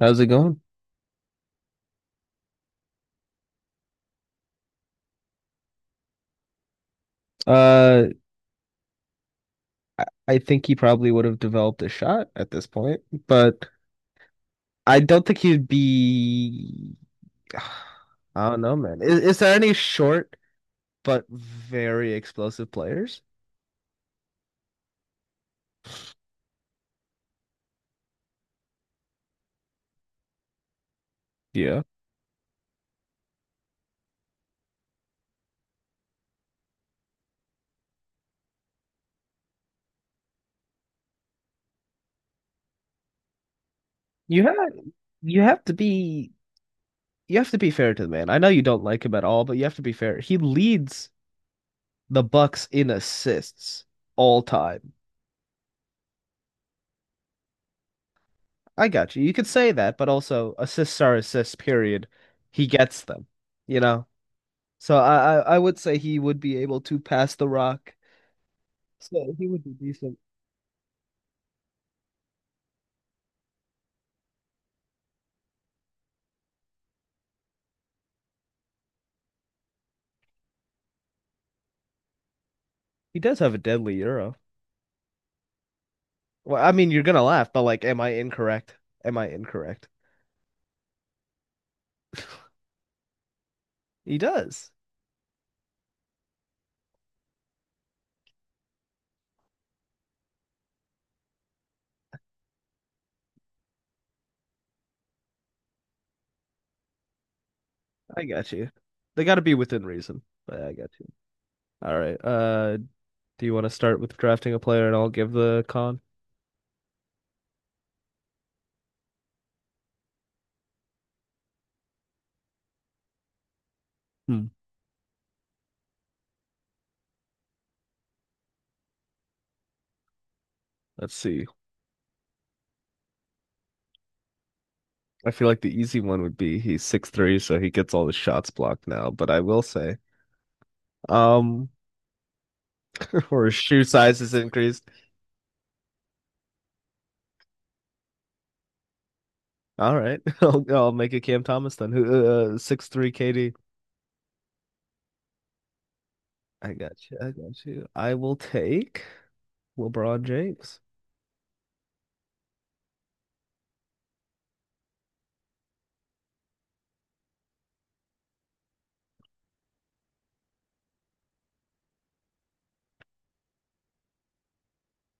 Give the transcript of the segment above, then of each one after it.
How's it going? Uh, I think he probably would have developed a shot at this point, but I don't think he'd be. I don't know, man. Is there any short but very explosive players? Yeah. You have you have to be you have to be fair to the man. I know you don't like him at all, but you have to be fair. He leads the Bucks in assists all time. I got you. You could say that, but also assists are assists, period. He gets them, you know? So I would say he would be able to pass the rock. So he would be decent. He does have a deadly euro. Well, I mean, you're gonna laugh, but like, am I incorrect? Am I incorrect? He does. I got you. They got to be within reason, but I got you. All right. Do you want to start with drafting a player, and I'll give the con? Hmm. Let's see. I feel like the easy one would be he's 6'3", so he gets all the shots blocked now. But I will say, um, or his shoe size is increased. All right. I'll make it Cam Thomas then. Who 6'3" KD. I got you. I got you. I will take LeBron James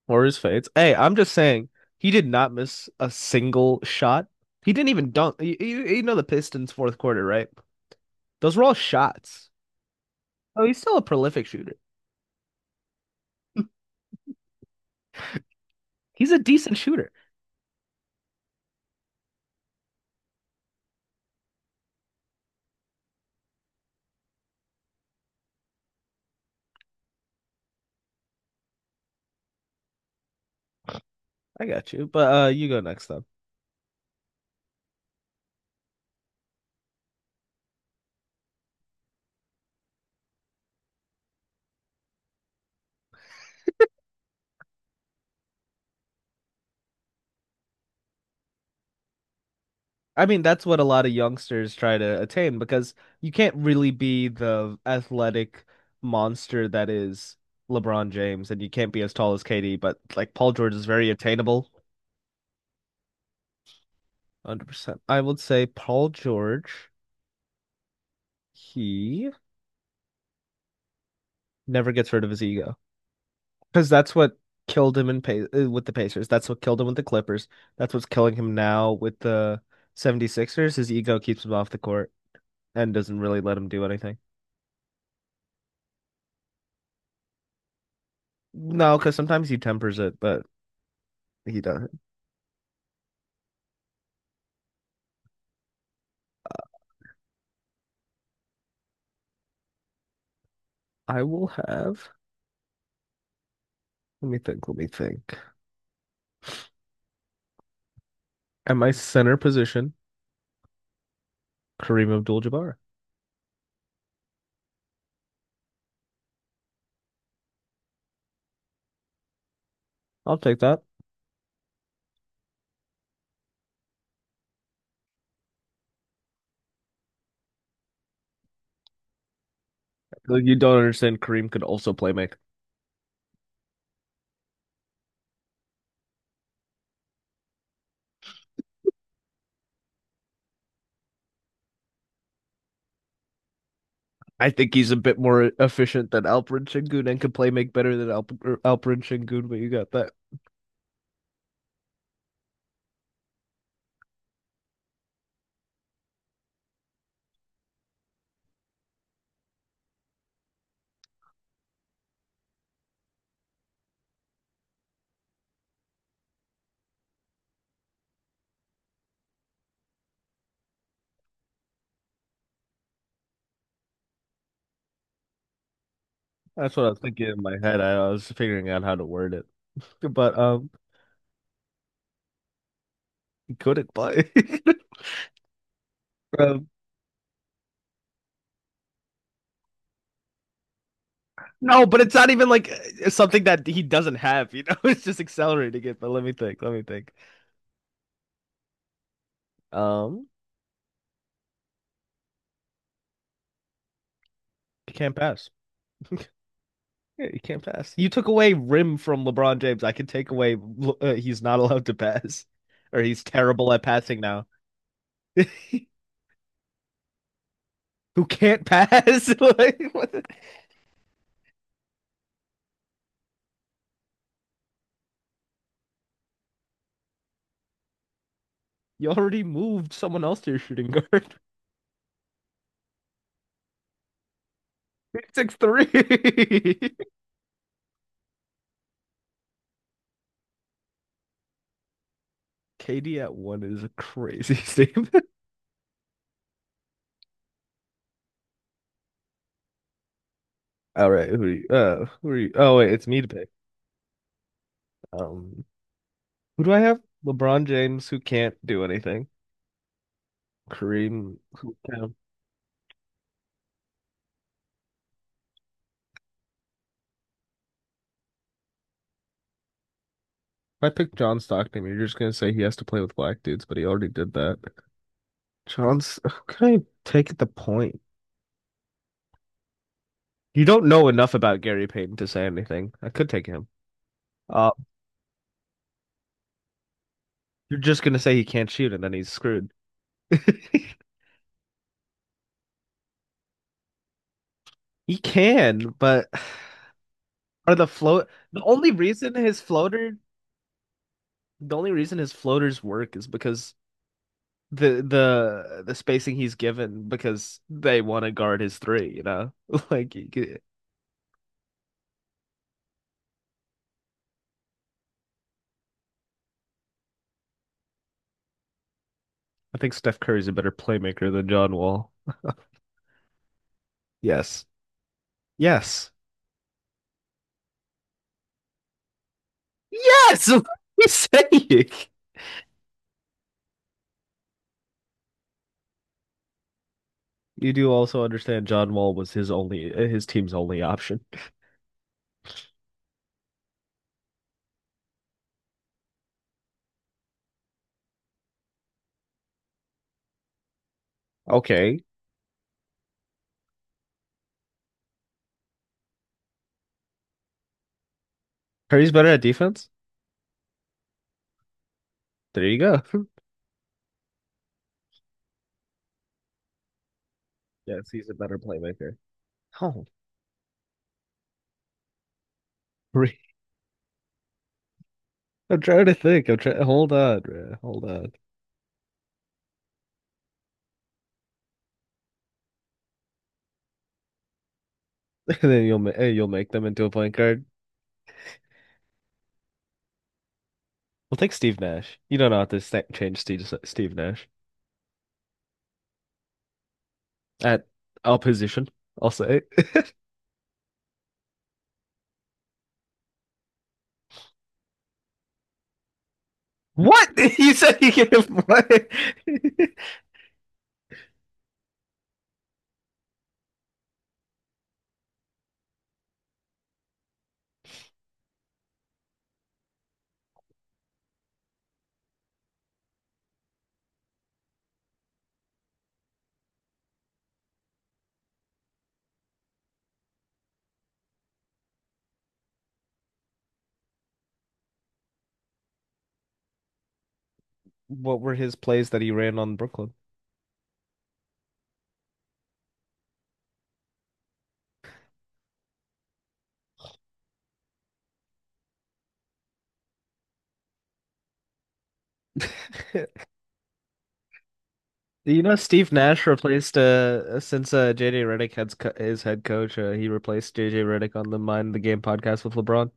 or his fades. Hey, I'm just saying he did not miss a single shot. He didn't even dunk. You know the Pistons fourth quarter, right? Those were all shots. Oh, he's still a prolific shooter. He's a decent shooter. I got you. But you go next time. I mean, that's what a lot of youngsters try to attain because you can't really be the athletic monster that is LeBron James, and you can't be as tall as KD, but like Paul George is very attainable. 100%. I would say Paul George, he never gets rid of his ego because that's what killed him in pa with the Pacers. That's what killed him with the Clippers. That's what's killing him now with the 76ers. His ego keeps him off the court and doesn't really let him do anything. No, because sometimes he tempers it, but he doesn't. I will have. Let me think. Let me think. At my center position, Kareem Abdul-Jabbar. I'll take that. Like, you don't understand. Kareem could also play make. I think he's a bit more efficient than Alperen Şengün and can play make better than Alperen Şengün. But you got that. That's what I was thinking in my head. Was figuring out how to word it, but he couldn't play. um, no, but it's not even like something that he doesn't have. You know, it's just accelerating it. But let me think. Let me think. Um, he can't pass. Yeah, he can't pass. You took away rim from LeBron James. I can take away he's not allowed to pass, or he's terrible at passing now. Who can't pass? Like, what the- You already moved someone else to your shooting guard. It's 6'3". KD at one is a crazy statement. All right, who are you? Who are you? Oh wait, it's me to pick. Um, who do I have? LeBron James, who can't do anything. Kareem, who can if I pick John Stockton, you're just gonna say he has to play with black dudes, but he already did that. John's can I take the point? You don't know enough about Gary Payton to say anything. I could take him. Uh, you're just gonna say he can't shoot, and then he's screwed. He can, but are the float the only reason his floater the only reason his floaters work is because the spacing he's given because they want to guard his three. You know, like I think Steph Curry's a better playmaker than John Wall. Yes. Yes. Yes, what are you saying? You do also understand John Wall was his team's only option. Okay. Curry's better at defense. There you go. Yes, he's a better playmaker. Oh, I'm trying to think. I'm trying. Hold on, bruh. Hold on. And then you'll you'll make them into a point guard. We'll take Steve Nash. You don't know how to change Steve Nash at our position. I'll say. What you said? You gave what? What were his plays that he ran on Brooklyn? You know, Steve Nash replaced since JJ Redick had his head coach, he replaced JJ Redick on the Mind the Game podcast with LeBron.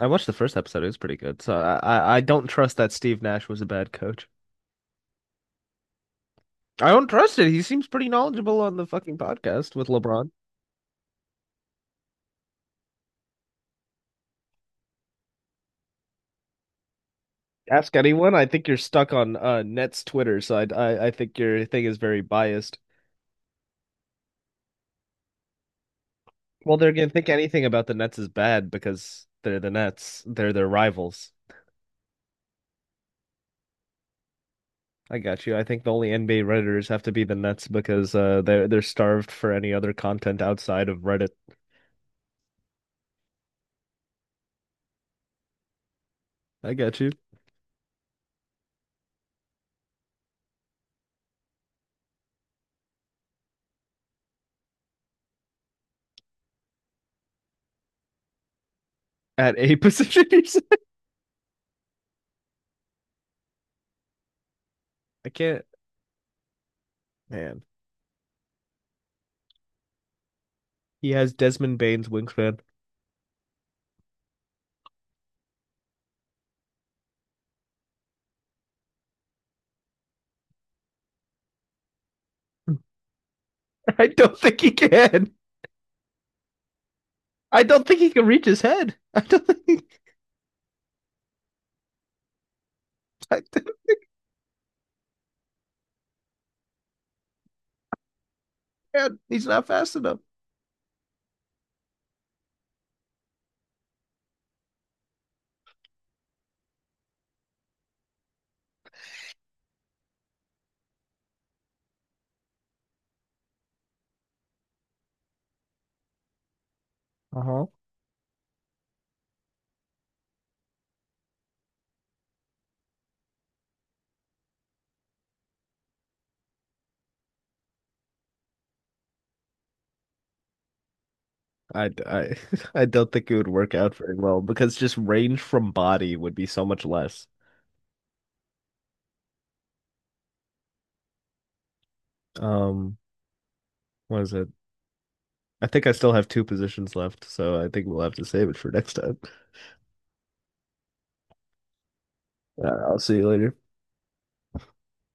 I watched the first episode; it was pretty good. So I don't trust that Steve Nash was a bad coach. I don't trust it. He seems pretty knowledgeable on the fucking podcast with LeBron. Ask anyone. I think you're stuck on Nets Twitter, so I think your thing is very biased. Well, they're gonna think anything about the Nets is bad because they're the Nets. They're their rivals. I got you. I think the only NBA Redditors have to be the Nets because they're starved for any other content outside of Reddit. I got you. At a position, I can't. Man, he has Desmond Bane's wingspan. I don't think he can. I don't think he can reach his head. I don't think. He, I don't- man, he's not fast enough. Uh huh. I, I, I don't think it would work out very well because just range from body would be so much less. Um, what is it? I think I still have two positions left, so I think we'll have to save it for next time. All right, I'll see you later.